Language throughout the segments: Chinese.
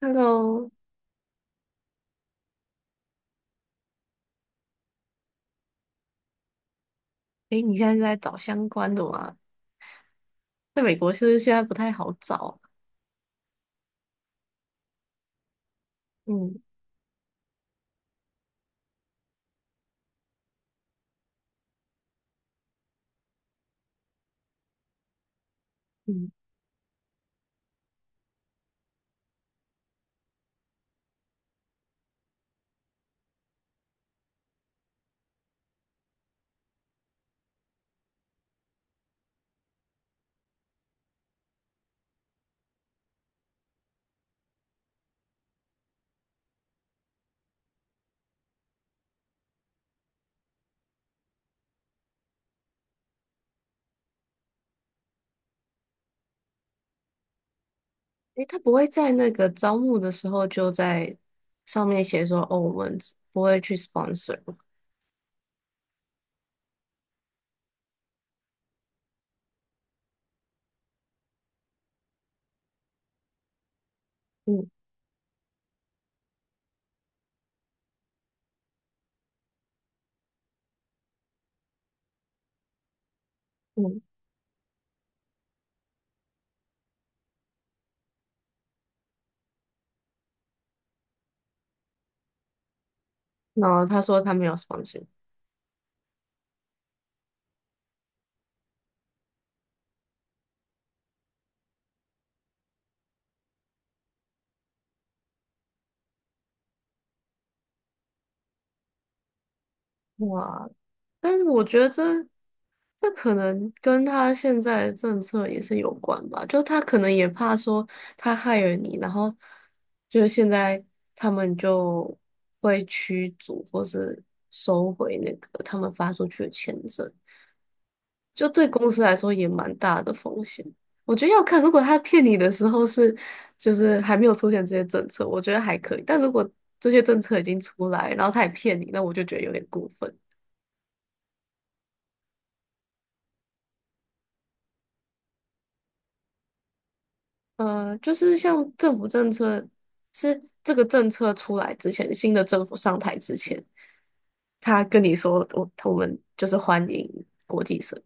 Hello，哎，你现在是在找相关的吗？在美国是不是现在不太好找？嗯嗯，哎，他不会在那个招募的时候就在上面写说，哦，我们只不会去 sponsor 嗯嗯，然后他说他没有 sponsor。哇，但是我觉得这可能跟他现在的政策也是有关吧，就他可能也怕说他害了你，然后就是现在他们就会驱逐或是收回那个他们发出去的签证，就对公司来说也蛮大的风险。我觉得要看，如果他骗你的时候是就是还没有出现这些政策，我觉得还可以，但如果这些政策已经出来，然后他也骗你，那我就觉得有点过分。嗯、就是像政府政策，是这个政策出来之前，新的政府上台之前，他跟你说我们就是欢迎国际生，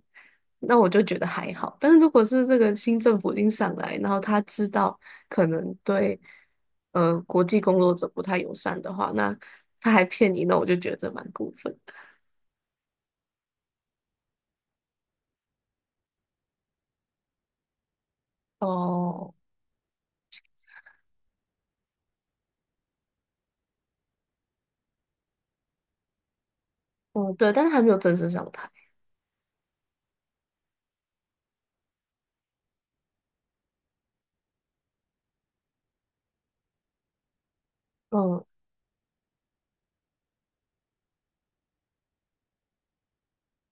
那我就觉得还好。但是如果是这个新政府已经上来，然后他知道可能对国际工作者不太友善的话，那他还骗你，那我就觉得蛮过分的。哦，嗯，对，但是还没有正式上台。嗯。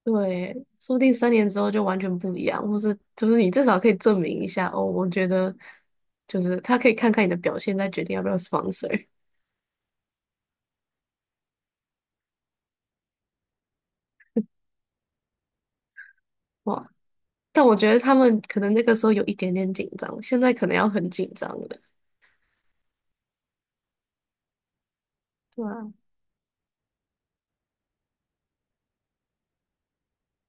对，说不定3年之后就完全不一样，或是就是你至少可以证明一下哦。我觉得就是他可以看看你的表现，再决定要不要 sponsor。哇，但我觉得他们可能那个时候有一点点紧张，现在可能要很紧张了。对啊，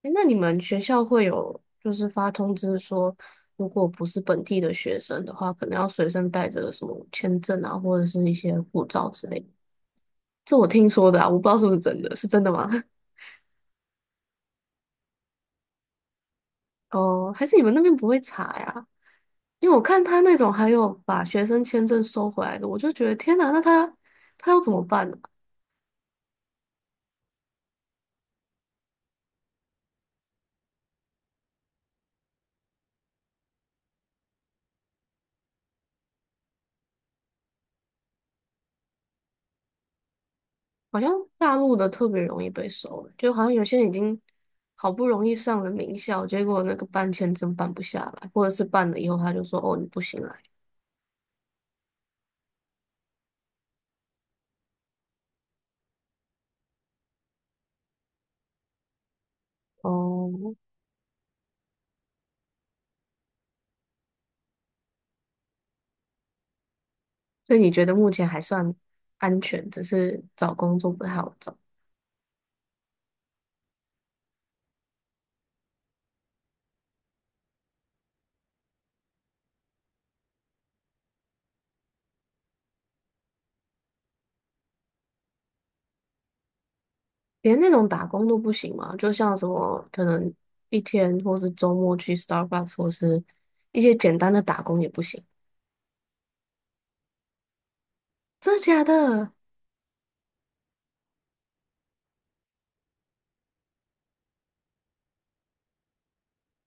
诶，那你们学校会有就是发通知说，如果不是本地的学生的话，可能要随身带着什么签证啊，或者是一些护照之类的。这我听说的啊，我不知道是不是真的，是真的吗？哦，还是你们那边不会查呀？因为我看他那种还有把学生签证收回来的，我就觉得天哪，那他要怎么办呢、好像大陆的特别容易被收，就好像有些人已经好不容易上了名校，结果那个办签证办不下来，或者是办了以后他就说哦你不行来哦，所以你觉得目前还算安全，只是找工作不太好找，连那种打工都不行嘛，就像什么可能一天或是周末去 Starbucks 或是一些简单的打工也不行。真的假的？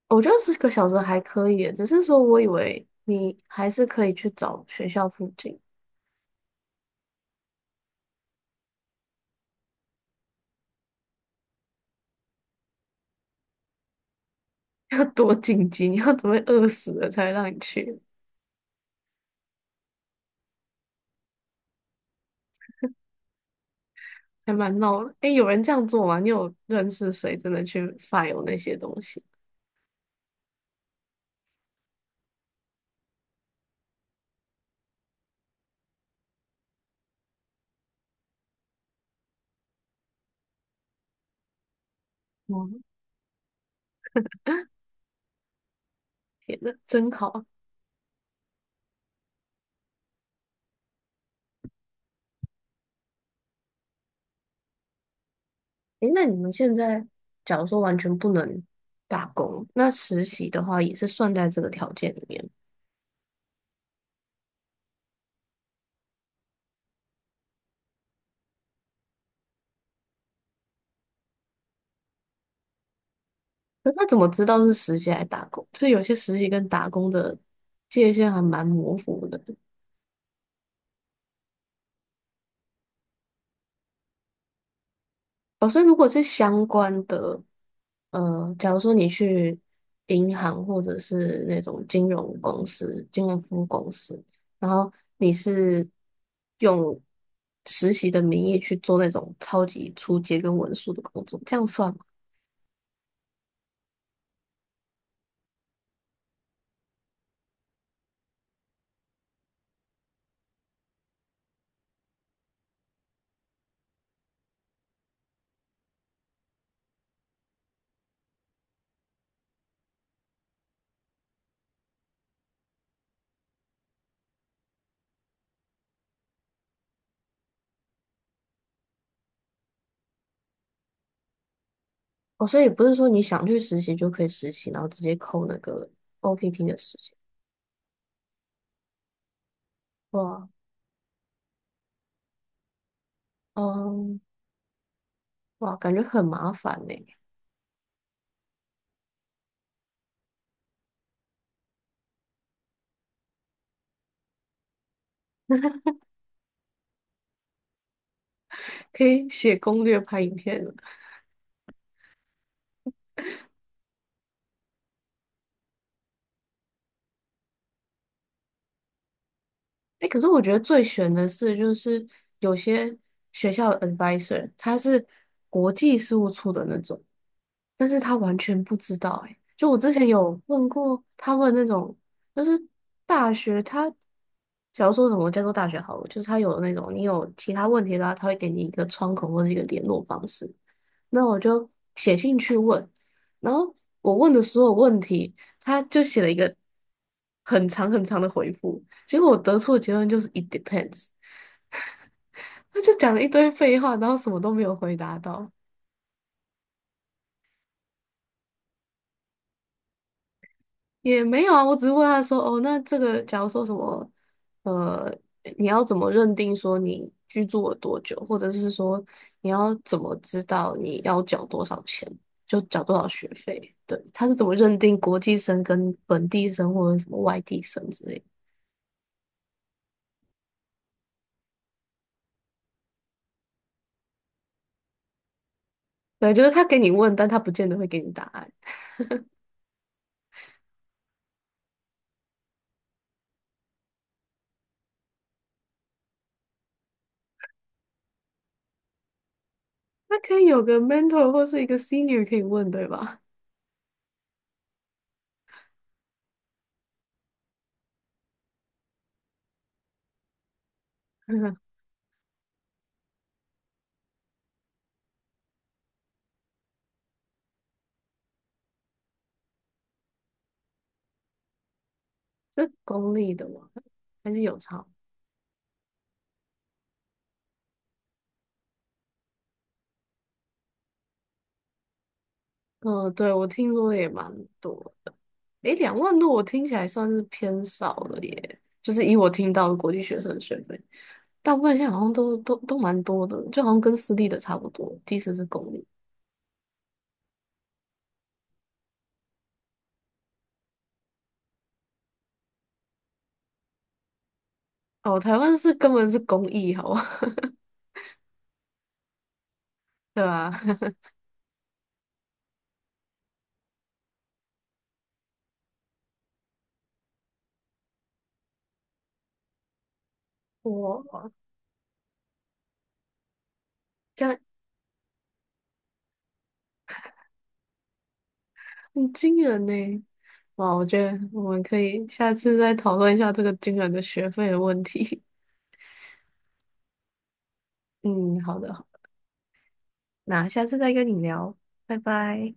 我觉得10个小时还可以耶只是说我以为你还是可以去找学校附近，要多紧急，你要准备饿死了才让你去，还蛮闹的。诶，有人这样做吗？你有认识谁真的去 f 有那些东西？嗯，天呐，真好哎，诶，那你们现在假如说完全不能打工，那实习的话也是算在这个条件里面。那他怎么知道是实习还是打工？就是有些实习跟打工的界限还蛮模糊的。哦，所以如果是相关的，呃，假如说你去银行或者是那种金融公司、金融服务公司，然后你是用实习的名义去做那种超级出街跟文书的工作，这样算吗？哦，所以不是说你想去实习就可以实习，然后直接扣那个 OPT 的时间。哇，嗯，哇，感觉很麻烦呢，可以写攻略、拍影片。哎，可是我觉得最悬的是，就是有些学校的 advisor 他是国际事务处的那种，但是他完全不知道、欸。哎，就我之前有问过他们那种，就是大学他，假如说什么加州大学好了，就是他有那种你有其他问题的话，他会给你一个窗口或者一个联络方式。那我就写信去问，然后我问的所有问题，他就写了一个很长很长的回复，结果我得出的结论就是 it depends，他就讲了一堆废话，然后什么都没有回答到。也没有啊，我只是问他说，哦，那这个假如说什么，呃，你要怎么认定说你居住了多久，或者是说你要怎么知道你要缴多少钱，就缴多少学费？对，他是怎么认定国际生跟本地生或者什么外地生之类的？对，就是他给你问，但他不见得会给你答案。他可以有个 mentor 或是一个 senior 可以问，对吧？是公立的吗？还是有差？嗯，对，我听说的也蛮多的。诶，2万多我听起来算是偏少了耶，就是以我听到的国际学生的学费，大部分现在好像都蛮多的，就好像跟私立的差不多，即使是公立。哦，台湾是根本是公益，好吧，对吧？哇，这样很惊人呢。哇，我觉得我们可以下次再讨论一下这个惊人的学费的问题。嗯，好的，好那下次再跟你聊，拜拜。